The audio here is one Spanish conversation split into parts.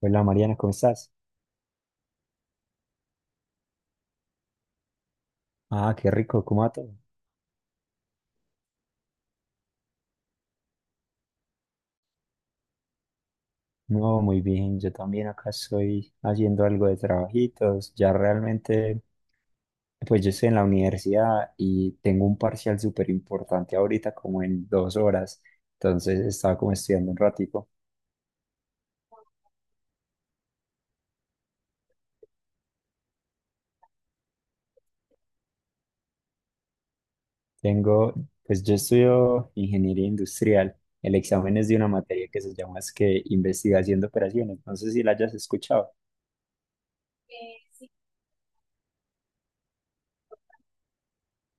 Hola Mariana, ¿cómo estás? Ah, qué rico, ¿cómo va todo? No, muy bien, yo también acá estoy haciendo algo de trabajitos, ya realmente, pues yo estoy en la universidad y tengo un parcial súper importante ahorita como en 2 horas, entonces estaba como estudiando un ratico. Tengo, pues yo estudio ingeniería industrial, el examen es de una materia que se llama es que investigación de operaciones, no sé si la hayas escuchado.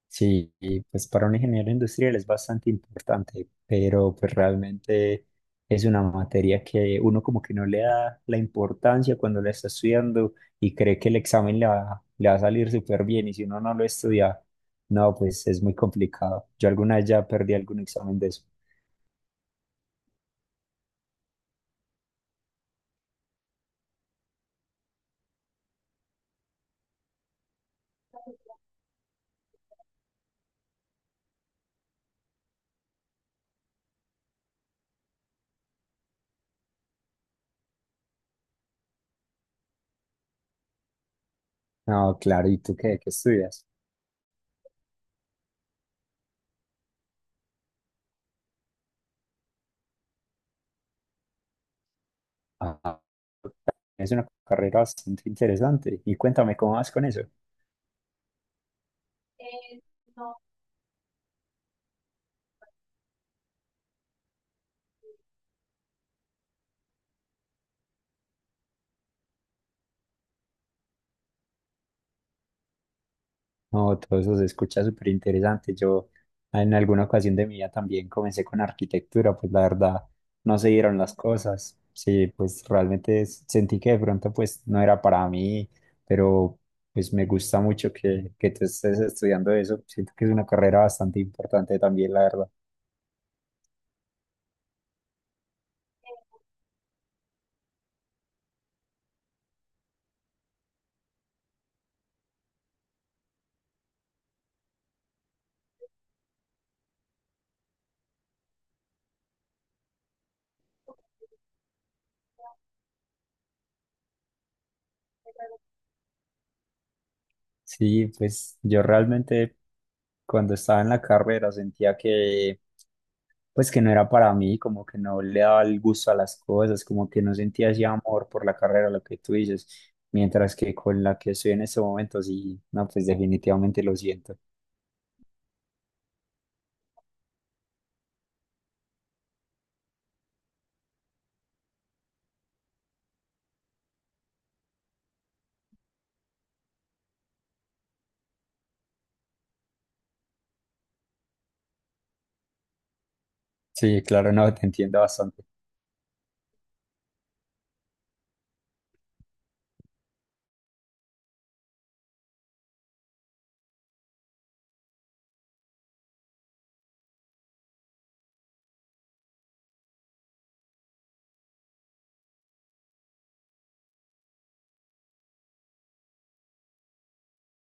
Sí, y pues para un ingeniero industrial es bastante importante, pero pues realmente es una materia que uno como que no le da la importancia cuando la está estudiando y cree que el examen le va a salir súper bien y si uno no lo estudia, no, pues es muy complicado. Yo alguna vez ya perdí algún examen de eso. No, claro, ¿y tú qué, qué estudias? Ah, es una carrera bastante interesante y cuéntame cómo vas con eso. No, todo eso se escucha súper interesante. Yo en alguna ocasión de mi vida también comencé con arquitectura, pues la verdad no se dieron las cosas. Sí, pues realmente sentí que de pronto pues no era para mí, pero pues me gusta mucho que tú estés estudiando eso. Siento que es una carrera bastante importante también, la verdad. Sí, pues yo realmente cuando estaba en la carrera sentía que pues que no era para mí, como que no le daba el gusto a las cosas, como que no sentía ese amor por la carrera, lo que tú dices, mientras que con la que estoy en este momento, sí, no, pues definitivamente lo siento. Sí, claro, no, te entiendo bastante.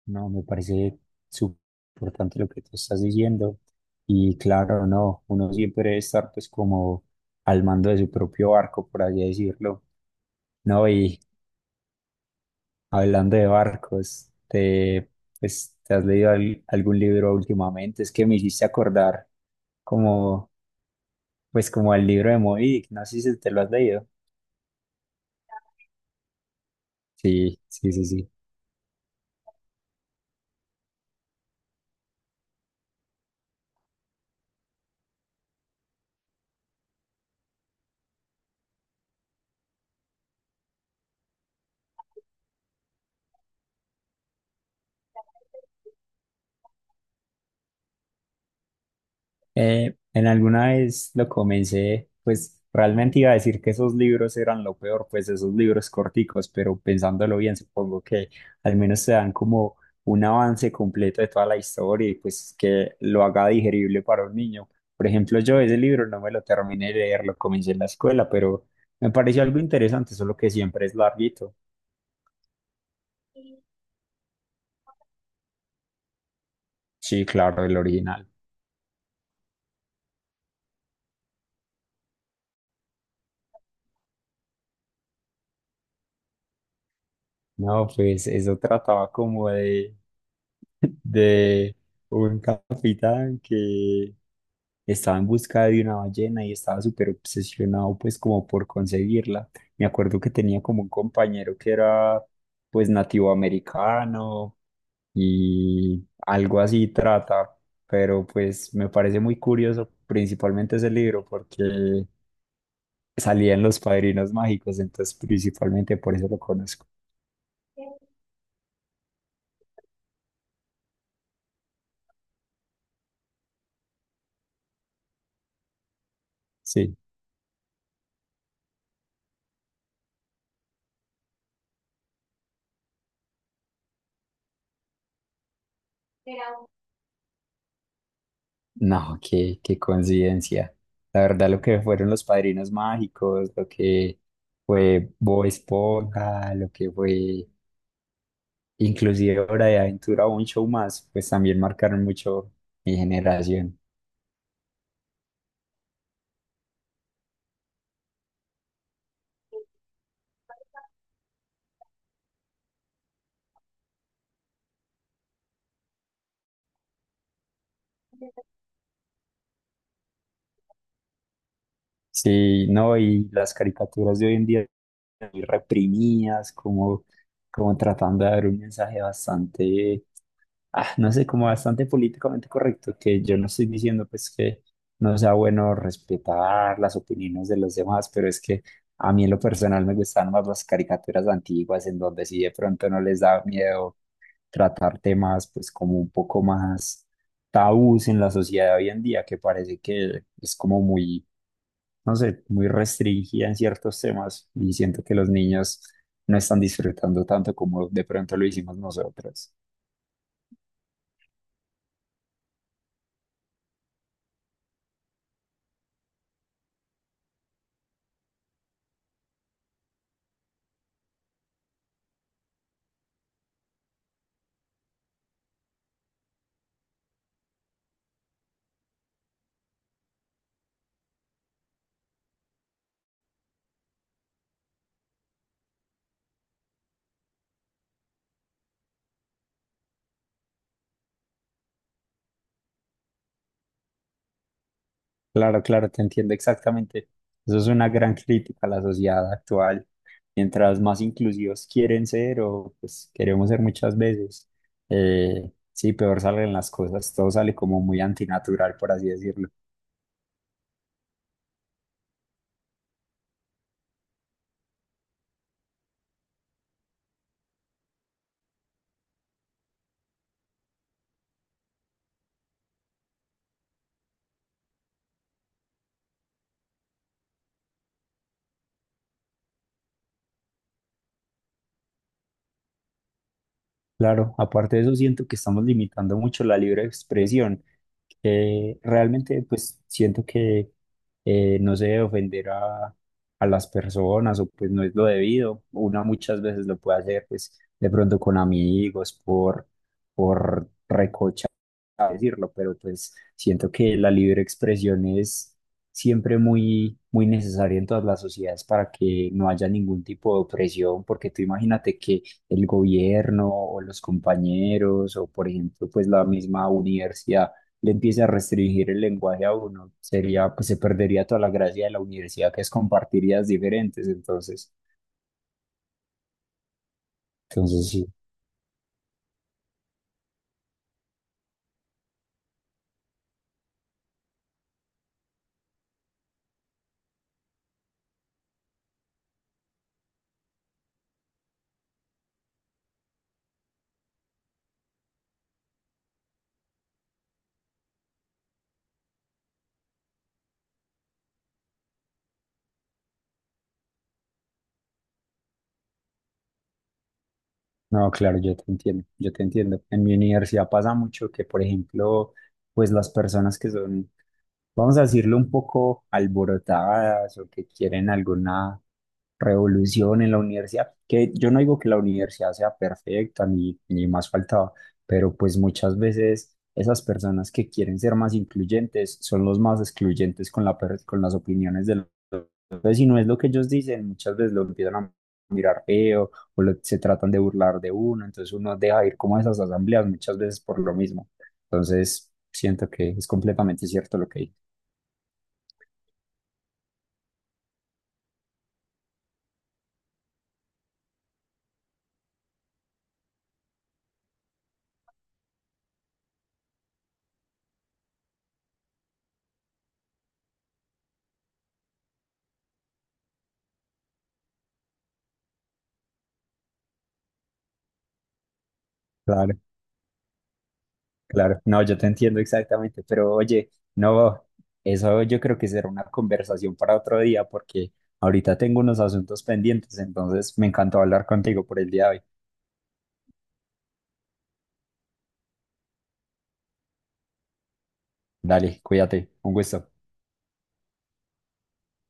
No, me parece súper importante lo que tú estás diciendo. Y claro, no, uno siempre debe estar pues como al mando de su propio barco, por así decirlo. No, y hablando de barcos, te, pues, ¿te has leído algún libro últimamente? Es que me hiciste acordar como, pues como al libro de Moby Dick, no sé si te lo has leído. Sí, sí, sí, sí. En alguna vez lo comencé, pues realmente iba a decir que esos libros eran lo peor, pues esos libros corticos, pero pensándolo bien, supongo que al menos te dan como un avance completo de toda la historia y pues que lo haga digerible para un niño. Por ejemplo, yo ese libro no me lo terminé de leer, lo comencé en la escuela, pero me pareció algo interesante, solo que siempre es larguito. Sí, claro, el original. No, pues eso trataba como de un capitán que estaba en busca de una ballena y estaba súper obsesionado pues como por conseguirla. Me acuerdo que tenía como un compañero que era pues nativo americano y algo así trata, pero pues me parece muy curioso principalmente ese libro porque salía en Los Padrinos Mágicos, entonces principalmente por eso lo conozco. Sí. No, qué, qué coincidencia. La verdad, lo que fueron los Padrinos Mágicos, lo que fue Bob Esponja, lo que fue inclusive Hora de Aventura o un show más, pues también marcaron mucho mi generación. Sí, no, y las caricaturas de hoy en día muy reprimidas, como, como tratando de dar un mensaje bastante no sé, como bastante políticamente correcto, que yo no estoy diciendo pues que no sea bueno respetar las opiniones de los demás, pero es que a mí en lo personal me gustan más las caricaturas antiguas en donde sí de pronto no les da miedo tratar temas pues como un poco más tabús en la sociedad de hoy en día, que parece que es como muy, no sé, muy restringida en ciertos temas y siento que los niños no están disfrutando tanto como de pronto lo hicimos nosotros. Claro, claro, te entiendo exactamente. Eso es una gran crítica a la sociedad actual. Mientras más inclusivos quieren ser o pues queremos ser muchas veces, sí, peor salen las cosas. Todo sale como muy antinatural, por así decirlo. Claro, aparte de eso, siento que estamos limitando mucho la libre expresión. Que realmente pues siento que no se debe ofender a las personas o pues no es lo debido. Una muchas veces lo puede hacer pues de pronto con amigos, por a decirlo, pero pues siento que la libre expresión es siempre muy, muy necesaria en todas las sociedades para que no haya ningún tipo de opresión, porque tú imagínate que el gobierno o los compañeros o por ejemplo pues la misma universidad le empiece a restringir el lenguaje a uno, sería pues se perdería toda la gracia de la universidad que es compartir ideas diferentes, entonces sí. No, claro, yo te entiendo, yo te entiendo. En mi universidad pasa mucho que, por ejemplo, pues las personas que son, vamos a decirlo, un poco alborotadas o que quieren alguna revolución en la universidad, que yo no digo que la universidad sea perfecta ni, ni más faltaba, pero pues muchas veces esas personas que quieren ser más incluyentes son los más excluyentes con con las opiniones de entonces, si no es lo que ellos dicen, muchas veces lo empiezan a mirar feo o se tratan de burlar de uno, entonces uno deja de ir como a esas asambleas muchas veces por lo mismo. Entonces, siento que es completamente cierto lo que dices. Claro, claro. No, yo te entiendo exactamente, pero oye, no, eso yo creo que será una conversación para otro día porque ahorita tengo unos asuntos pendientes, entonces me encantó hablar contigo por el día de hoy. Dale, cuídate, un gusto.